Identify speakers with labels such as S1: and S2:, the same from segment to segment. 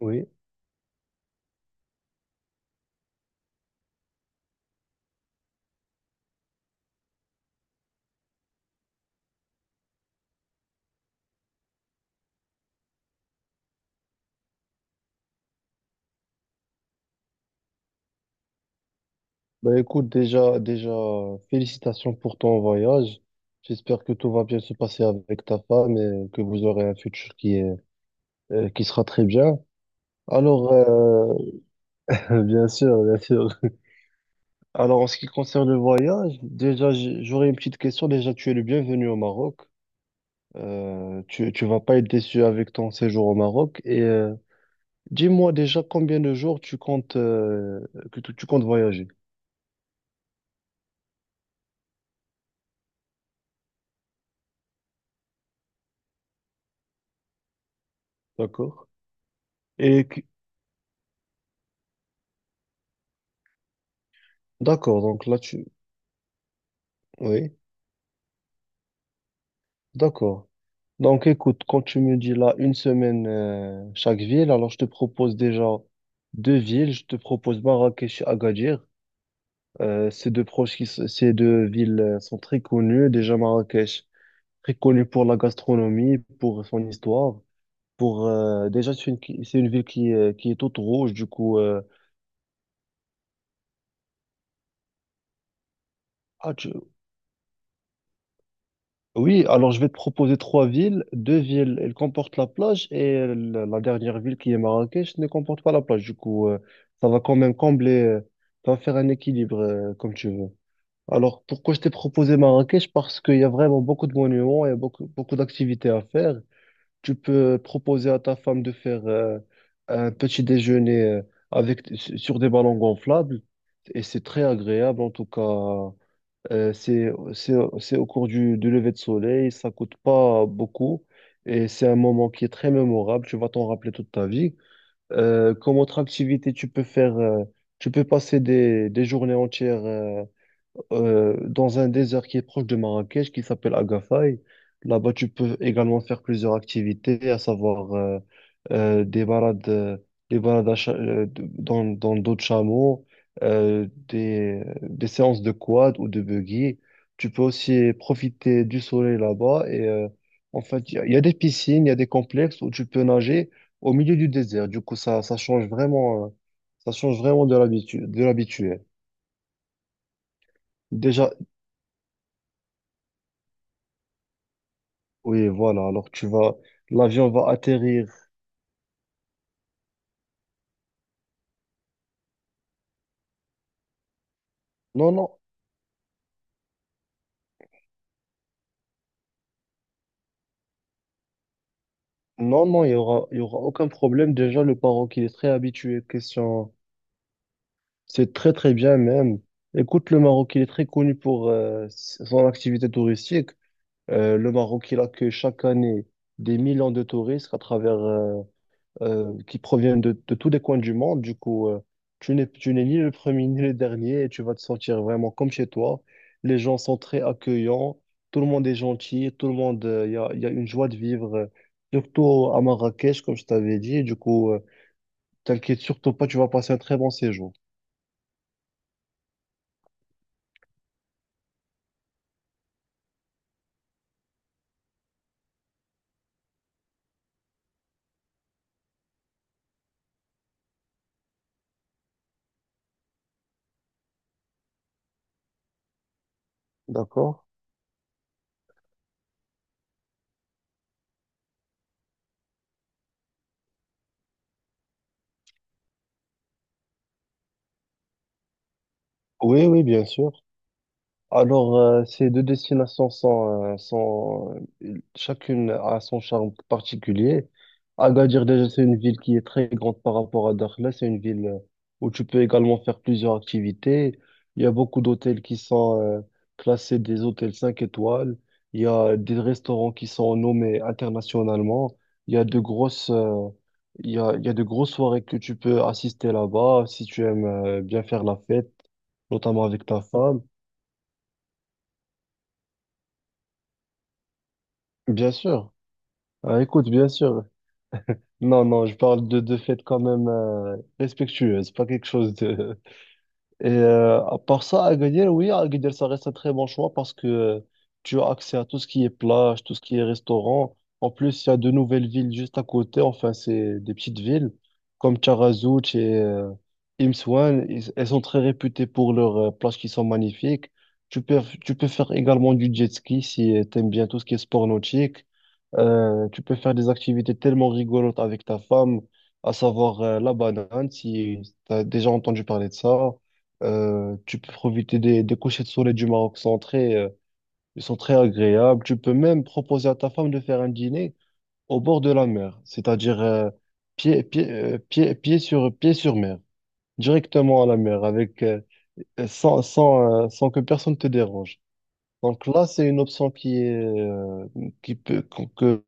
S1: Oui, bah écoute, déjà, félicitations pour ton voyage. J'espère que tout va bien se passer avec ta femme et que vous aurez un futur qui qui sera très bien. Alors, bien sûr, bien sûr. Alors, en ce qui concerne le voyage, déjà, j'aurais une petite question. Déjà, tu es le bienvenu au Maroc. Tu vas pas être déçu avec ton séjour au Maroc. Et dis-moi déjà combien de jours tu comptes, que tu comptes voyager. D'accord? Et, que- d'accord, donc là, tu, oui. D'accord. Donc écoute, quand tu me dis là une semaine chaque ville, alors je te propose déjà deux villes. Je te propose Marrakech et Agadir. Ces deux proches qui, s- Ces deux villes sont très connues. Déjà Marrakech, très connue pour la gastronomie, pour son histoire. Pour déjà c'est c'est une ville qui est toute rouge. Du coup, oui, alors je vais te proposer trois villes. Deux villes, elles comportent la plage et la dernière ville qui est Marrakech ne comporte pas la plage. Du coup, ça va quand même combler, ça va faire un équilibre comme tu veux. Alors, pourquoi je t'ai proposé Marrakech? Parce qu'il y a vraiment beaucoup de monuments, il y a beaucoup, beaucoup d'activités à faire. Tu peux proposer à ta femme de faire un petit déjeuner avec, sur des ballons gonflables et c'est très agréable en tout cas. Euh, c'est, c'est, c'est au cours du lever de soleil, ça coûte pas beaucoup et c'est un moment qui est très mémorable, tu vas t'en rappeler toute ta vie. Comme autre activité, tu peux faire, tu peux passer des journées entières dans un désert qui est proche de Marrakech, qui s'appelle Agafay. Là-bas, tu peux également faire plusieurs activités, à savoir euh, des balades, euh, des balades à cha- de- dans, dans le dos de chameau, des séances de quad ou de buggy. Tu peux aussi profiter du soleil là-bas. En fait, il y a des piscines, il y a des complexes où tu peux nager au milieu du désert. Du coup, ça change vraiment de l'habitude, de l'habituel. Déjà, oui, voilà. Alors, tu vas, l'avion va atterrir. Non, non, non, non, il y aura aucun problème. Déjà, le Maroc, il est très habitué. Question, c'est très, très bien même. Écoute, le Maroc, il est très connu pour son activité touristique. Le Maroc, il accueille chaque année des millions de touristes à travers, qui proviennent de tous les coins du monde. Du coup, tu n'es ni le premier ni le dernier et tu vas te sentir vraiment comme chez toi. Les gens sont très accueillants, tout le monde est gentil, tout le monde, il y a une joie de vivre, surtout à Marrakech, comme je t'avais dit. Du coup, t'inquiète surtout pas, tu vas passer un très bon séjour. D'accord? Oui, oui, bien sûr. Alors, ces deux destinations sont, chacune a son charme particulier. Agadir, déjà, c'est une ville qui est très grande par rapport à Dakhla. C'est une ville où tu peux également faire plusieurs activités. Il y a beaucoup d'hôtels qui sont classés des hôtels 5 étoiles. Il y a des restaurants qui sont nommés internationalement. Il y a de grosses, euh, il y a de grosses soirées que tu peux assister là-bas si tu aimes bien faire la fête, notamment avec ta femme. Bien sûr. Ah, écoute, bien sûr. Non, non, je parle de fêtes quand même respectueuses, pas quelque chose de, à part ça, Agadir, oui, Agadir, ça reste un très bon choix parce que tu as accès à tout ce qui est plage, tout ce qui est restaurant. En plus, il y a de nouvelles villes juste à côté. Enfin, c'est des petites villes comme Taghazout et Imsouane. Elles sont très réputées pour leurs plages qui sont magnifiques. Tu peux faire également du jet ski si tu aimes bien tout ce qui est sport nautique. Tu peux faire des activités tellement rigolotes avec ta femme, à savoir la banane, si tu as déjà entendu parler de ça. Tu peux profiter des couchers de soleil du Maroc sont très, ils sont très agréables. Tu peux même proposer à ta femme de faire un dîner au bord de la mer, c'est-à-dire pied sur mer, directement à la mer, avec, sans, sans, sans que personne te dérange. Donc là, c'est une option qui est, qui peut, qu'on- que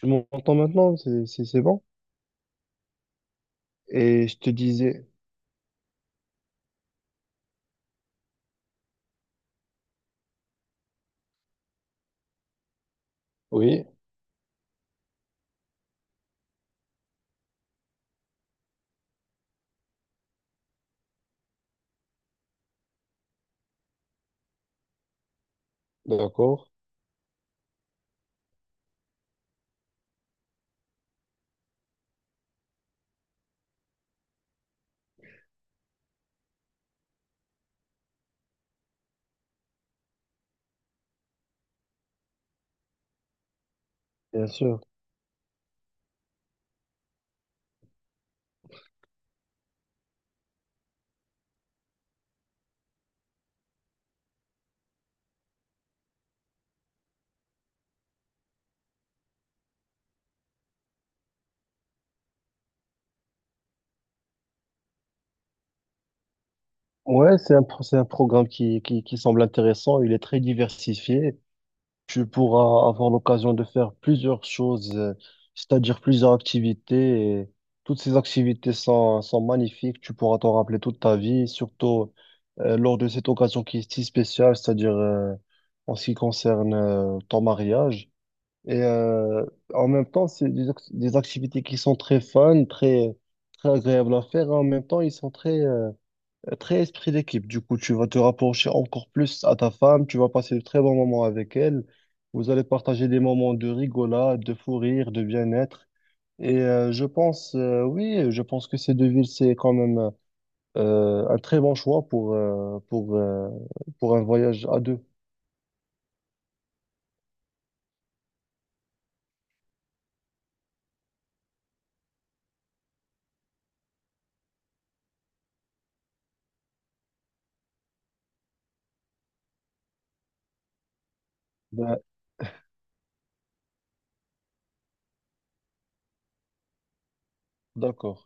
S1: tu m'entends maintenant, c'est bon. Et je te disais, oui, d'accord, bien sûr. Ouais, c'est c'est un programme qui semble intéressant. Il est très diversifié. Tu pourras avoir l'occasion de faire plusieurs choses, c'est-à-dire plusieurs activités. Et toutes ces sont magnifiques. Tu pourras t'en rappeler toute ta vie, surtout lors de cette occasion qui est si spéciale, c'est-à-dire en ce qui concerne ton mariage. Et euh, En même temps, c'est des activités qui sont très fun, très agréables à faire. Et en même temps, ils sont très... très esprit d'équipe, du coup, tu vas te rapprocher encore plus à ta femme, tu vas passer de très bons moments avec elle, vous allez partager des moments de rigolade, de fou rire, de bien-être. Et oui, je pense que ces deux villes, c'est quand même un très bon choix pour un voyage à deux. Ben, d'accord.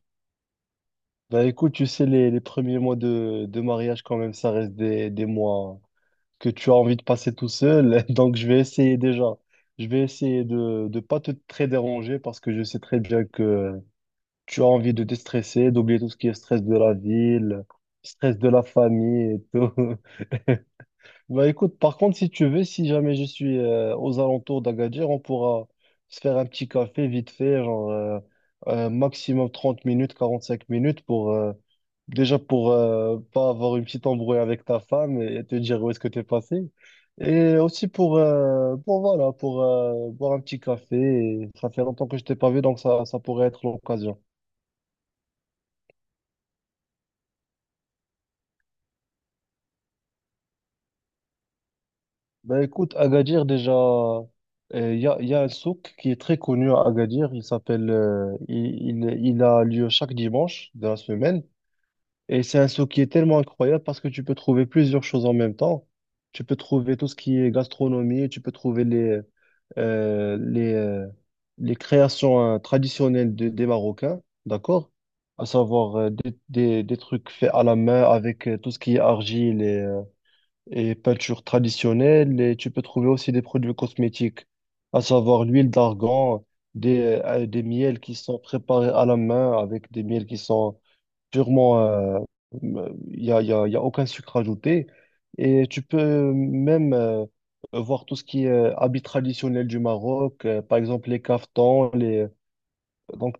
S1: Ben, écoute, tu sais, les premiers mois de mariage, quand même, ça reste des mois que tu as envie de passer tout seul. Donc, je vais essayer déjà. Je vais essayer de ne pas te très déranger parce que je sais très bien que tu as envie de te stresser, d'oublier tout ce qui est stress de la ville, stress de la famille et tout. Bah écoute, par contre, si tu veux, si jamais je suis aux alentours d'Agadir, on pourra se faire un petit café vite fait, genre maximum 30 minutes, 45 minutes pour déjà pour pas avoir une petite embrouille avec ta femme et te dire où est-ce que t'es passé. Et aussi pour voilà, pour boire un petit café. Et ça fait longtemps que je t'ai pas vu, donc ça pourrait être l'occasion. Ben écoute, Agadir, déjà, il y a un souk qui est très connu à Agadir. Il s'appelle, Il a lieu chaque dimanche de la semaine. Et c'est un souk qui est tellement incroyable parce que tu peux trouver plusieurs choses en même temps. Tu peux trouver tout ce qui est gastronomie, tu peux trouver euh, les, euh, les créations hein, traditionnelles des Marocains, d'accord? À savoir des trucs faits à la main avec tout ce qui est argile et peinture traditionnelle. Et tu peux trouver aussi des produits cosmétiques, à savoir l'huile d'argan, des miels qui sont préparés à la main avec des miels qui sont purement... Il n'y a, il y a, il y a aucun sucre ajouté. Et tu peux même voir tout ce qui est habits traditionnels du Maroc, par exemple les caftans, les... donc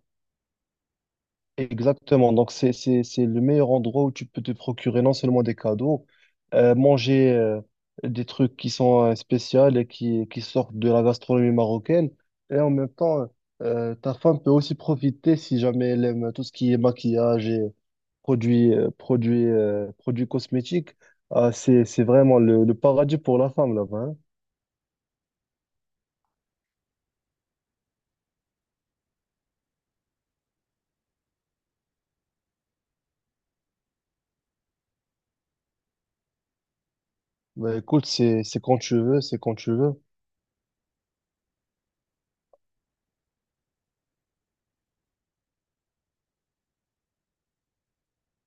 S1: exactement. Donc, c'est le meilleur endroit où tu peux te procurer non seulement des cadeaux, manger des trucs qui sont spéciaux et qui sortent de la gastronomie marocaine. Et en même temps, ta femme peut aussi profiter si jamais elle aime tout ce qui est maquillage et produits cosmétiques. Ah, c'est vraiment le paradis pour la femme là-bas, hein. Bah, écoute, c'est quand tu veux, c'est quand tu veux,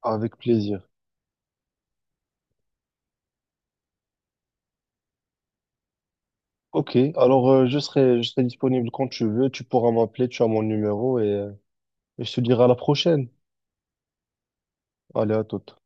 S1: avec plaisir. Ok, alors je serai disponible quand tu veux, tu pourras m'appeler, tu as mon numéro et et je te dirai à la prochaine. Allez, à toute.